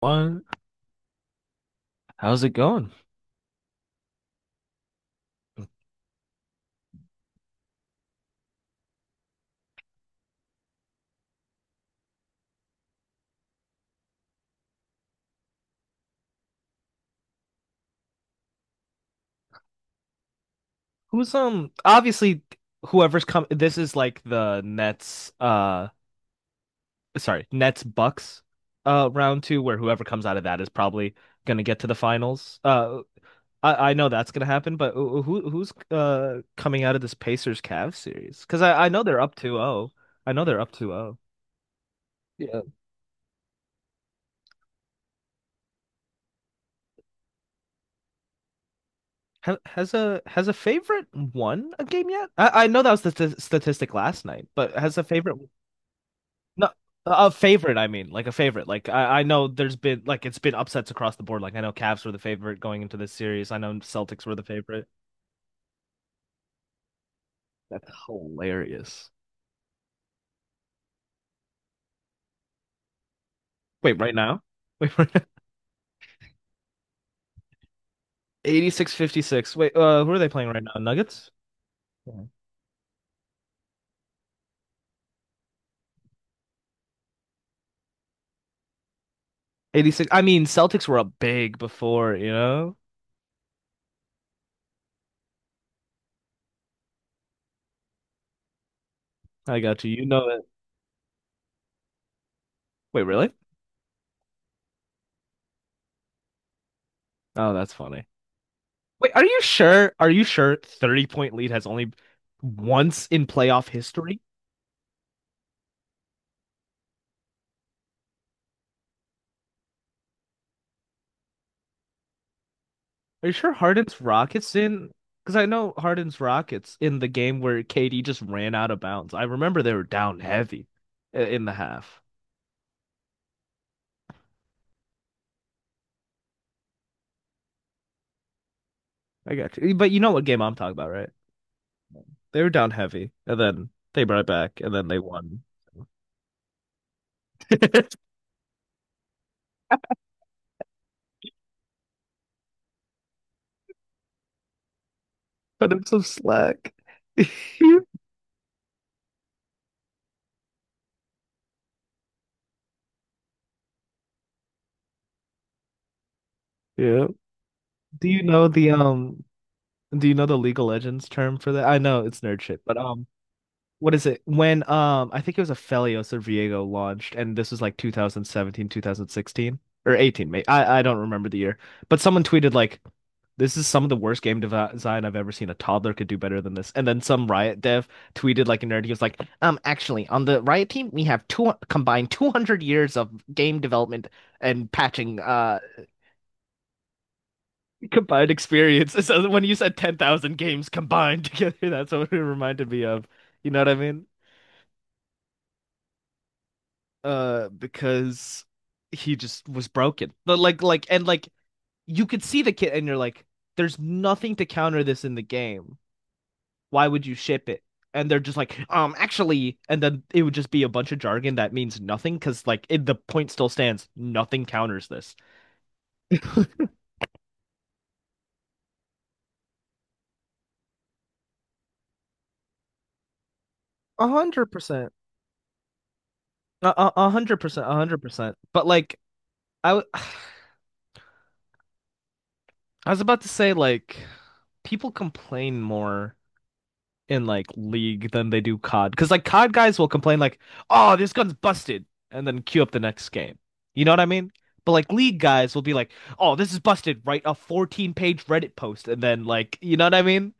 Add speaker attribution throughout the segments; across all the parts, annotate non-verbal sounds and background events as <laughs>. Speaker 1: Well, how's it going? Who's obviously whoever's come, this is like the Nets, sorry, Nets Bucks, round two, where whoever comes out of that is probably gonna get to the finals. I know that's gonna happen, but who's coming out of this Pacers Cavs series? 'Cause I know they're up 2-0. I know they're up 2-0. Yeah. Ha has a favorite won a game yet? I know that was the st statistic last night, but has a favorite? No, a favorite, I mean, like a favorite. Like I know there's been like it's been upsets across the board. Like I know Cavs were the favorite going into this series. I know Celtics were the favorite. That's hilarious. Wait, right now? Wait, <laughs> right now? 86 56. Wait, who are they playing right now? Nuggets? Yeah. 86. I mean, Celtics were up big before, you know? I got you. You know it. Wait, really? Oh, that's funny. Wait, are you sure? Are you sure 30 point lead has only once in playoff history? Are you sure Harden's Rockets in? Because I know Harden's Rockets in the game where KD just ran out of bounds. I remember they were down heavy in the half. I got you. But you know what game I'm talking about, right? They were down heavy, and then they brought it back, and then they won. <laughs> But it's some slack. <laughs> Yeah. Do you know the um? Do you know the League of Legends term for that? I know it's nerd shit, but what is it? When I think it was a Felios or Viego launched, and this was like 2017, 2016, or 18, maybe. I don't remember the year. But someone tweeted like this is some of the worst design I've ever seen. A toddler could do better than this. And then some Riot dev tweeted like a nerd. He was like, actually, on the Riot team, we have two combined 200 years of game development and patching, combined experience. <laughs> So when you said 10,000 games combined <laughs> together, that's what it reminded me of. You know what I mean? Because he just was broken. But like you could see the kid and you're like there's nothing to counter this in the game. Why would you ship it? And they're just like, actually, and then it would just be a bunch of jargon that means nothing, cuz like it, the point still stands, nothing counters this. <laughs> A 100%. A hundred percent, 100%. But like I, w- <sighs> I was about to say like people complain more in like League than they do COD. Because like COD guys will complain like, "Oh, this gun's busted," and then queue up the next game. You know what I mean? But like League guys will be like, "Oh, this is busted." Write a 14-page Reddit post, and then like, you know what I mean?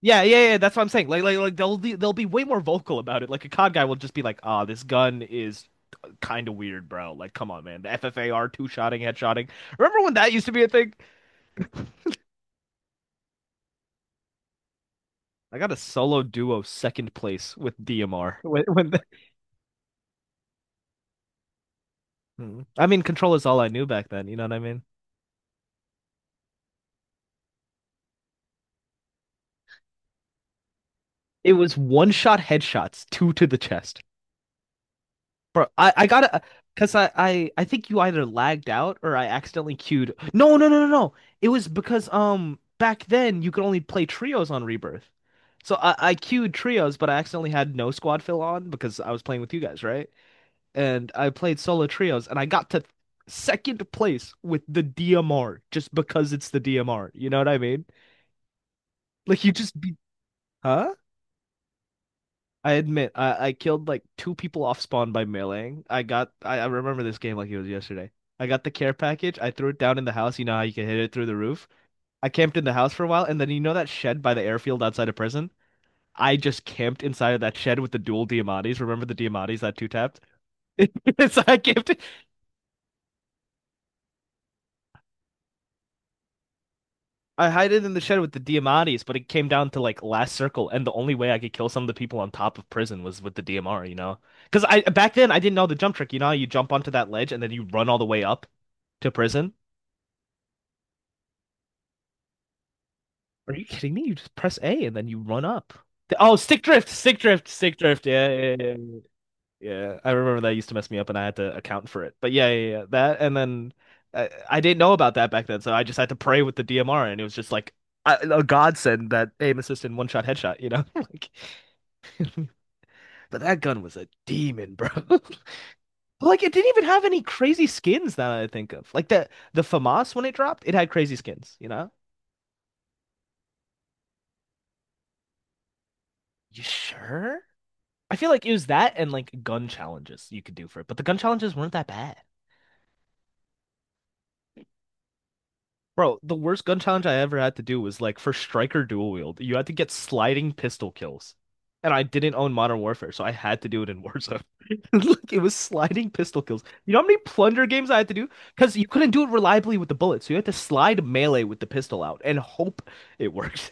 Speaker 1: Yeah, yeah, yeah. That's what I'm saying. Like they'll they'll be way more vocal about it. Like a COD guy will just be like, "Ah, this gun is kind of weird, bro. Like, come on, man. The FFAR two-shotting, headshotting. Remember when that used to be a thing? I got a solo duo second place with DMR when Mm. I mean, control is all I knew back then. You know what I mean? It was one shot headshots, two to the chest. Bro, I gotta, Because I think you either lagged out or I accidentally queued. No, no, no, no, no. It was because, back then you could only play trios on Rebirth. So I queued trios, but I accidentally had no squad fill on because I was playing with you guys, right? And I played solo trios and I got to second place with the DMR just because it's the DMR. You know what I mean? Like you just be, huh? I admit, I killed like two people off spawn by meleeing. I remember this game like it was yesterday. I got the care package. I threw it down in the house. You know how you can hit it through the roof. I camped in the house for a while, and then you know that shed by the airfield outside of prison? I just camped inside of that shed with the dual Diamantes. Remember the Diamantes that two tapped? <laughs> So I camped. I hid it in the shed with the Diamantes, but it came down to like last circle, and the only way I could kill some of the people on top of prison was with the DMR, you know? Because I back then I didn't know the jump trick. You know, how you jump onto that ledge and then you run all the way up to prison? Are you kidding me? You just press A and then you run up. Oh, stick drift, stick drift, stick drift. Yeah, yeah, yeah. Yeah. Yeah, yeah, I remember that used to mess me up and I had to account for it. But yeah, yeah, yeah. That and then I didn't know about that back then, so I just had to pray with the DMR and it was just like a godsend that aim assist and one-shot headshot, you know? <laughs> Like but that gun was a demon, bro. <laughs> Like it didn't even have any crazy skins that I think of. Like the FAMAS when it dropped, it had crazy skins, you know? You sure? I feel like it was that and like gun challenges you could do for it, but the gun challenges weren't that bad. Bro, the worst gun challenge I ever had to do was like for Striker Dual Wield, you had to get sliding pistol kills. And I didn't own Modern Warfare, so I had to do it in Warzone. <laughs> Look, it was sliding pistol kills. You know how many plunder games I had to do? Because you couldn't do it reliably with the bullets, so you had to slide melee with the pistol out and hope it worked.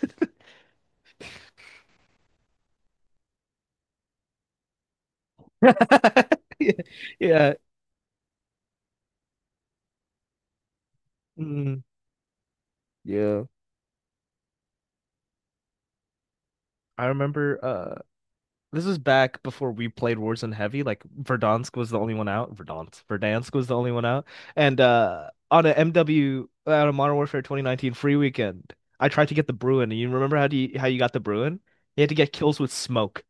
Speaker 1: <laughs> Yeah. Yeah. Mm, yeah. I remember. This was back before we played Warzone heavy. Like Verdansk was the only one out. Verdansk, Verdansk was the only one out. And on a Modern Warfare 2019 free weekend, I tried to get the Bruin. And you remember how how you got the Bruin? You had to get kills with smoke,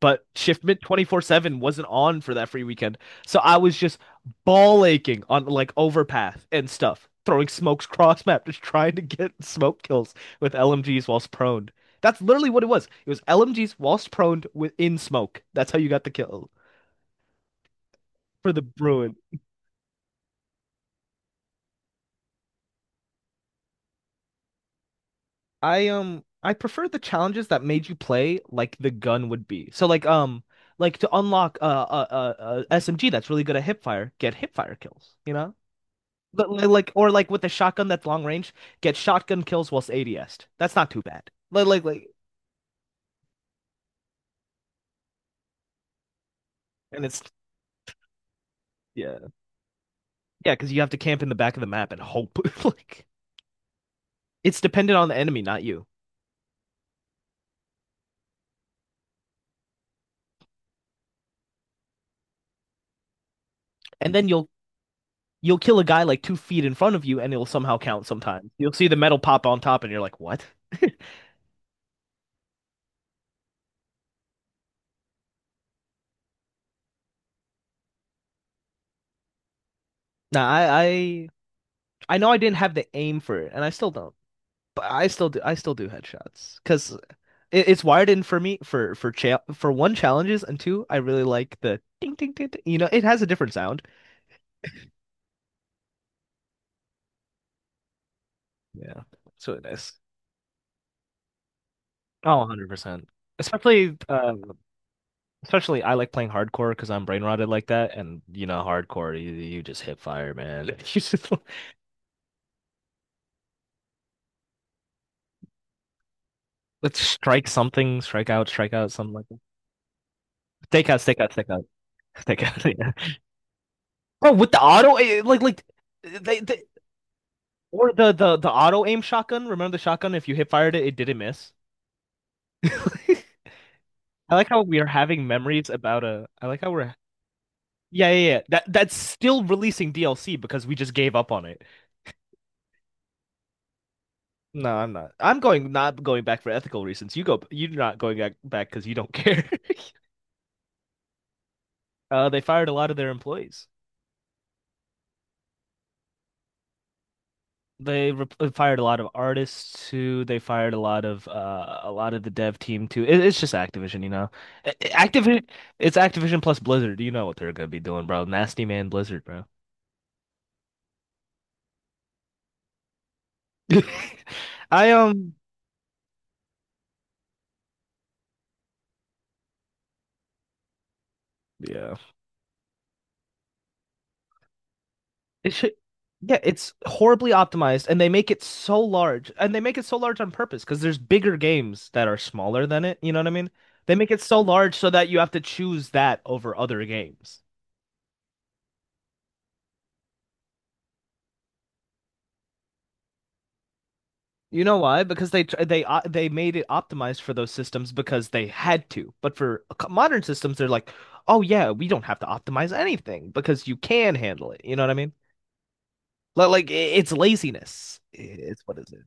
Speaker 1: but Shiftment 24/7 wasn't on for that free weekend. So I was just ball aching on like overpath and stuff, throwing smokes <laughs> cross map, just trying to get smoke kills with LMGs whilst prone. That's literally what it was. It was LMGs whilst prone within smoke. That's how you got the kill for the Bruin. I prefer the challenges that made you play like the gun would be. So like to unlock a SMG that's really good at hipfire, get hipfire kills, you know? Like or like with a shotgun that's long range, get shotgun kills whilst ads. That's not too bad. And it's yeah yeah because you have to camp in the back of the map and hope. <laughs> Like it's dependent on the enemy, not you. And then you'll kill a guy like 2 feet in front of you, and it'll somehow count. Sometimes you'll see the metal pop on top, and you're like, what? Nah, I know I didn't have the aim for it, and I still don't. But I still do headshots because it's wired in for me for cha for one, challenges, and two, I really like the ding, ding, ding, ding. You know, it has a different sound. Yeah, that's really nice. Oh, 100%. Especially um especially I like playing hardcore because I'm brain rotted like that and you know hardcore you just hit fire, man. <laughs> You just let's strike something, strike out, something like that. Take out, take out, take out, take out. <laughs> Yeah. Bro, with the auto eh, eh, like they or the auto aim shotgun. Remember the shotgun? If you hit fired it, it didn't miss. <laughs> I like how we are having memories about a. I like how we're. Yeah, yeah, yeah. That that's still releasing DLC because we just gave up on it. No, I'm not. I'm going not going back for ethical reasons. You go. You're not going back back because you don't care. <laughs> They fired a lot of their employees. They re fired a lot of artists too. They fired a lot of the dev team too. It's just Activision, you know. Activision, it's Activision plus Blizzard. You know what they're gonna be doing, bro. Nasty man Blizzard, bro. <laughs> I. Yeah. It should, yeah, it's horribly optimized, and they make it so large, and they make it so large on purpose because there's bigger games that are smaller than it. You know what I mean? They make it so large so that you have to choose that over other games. You know why? Because they tr- they made it optimized for those systems because they had to. But for modern systems, they're like, oh yeah, we don't have to optimize anything because you can handle it. You know what I mean? It's laziness. It's what is it?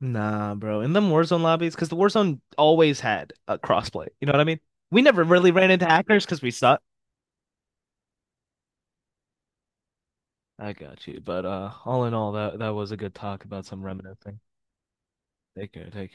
Speaker 1: Nah, bro. In them Warzone lobbies, because the Warzone always had a crossplay. You know what I mean? We never really ran into hackers because we suck. I got you. But all in all, that was a good talk about some Remnant thing. Take care. Take care.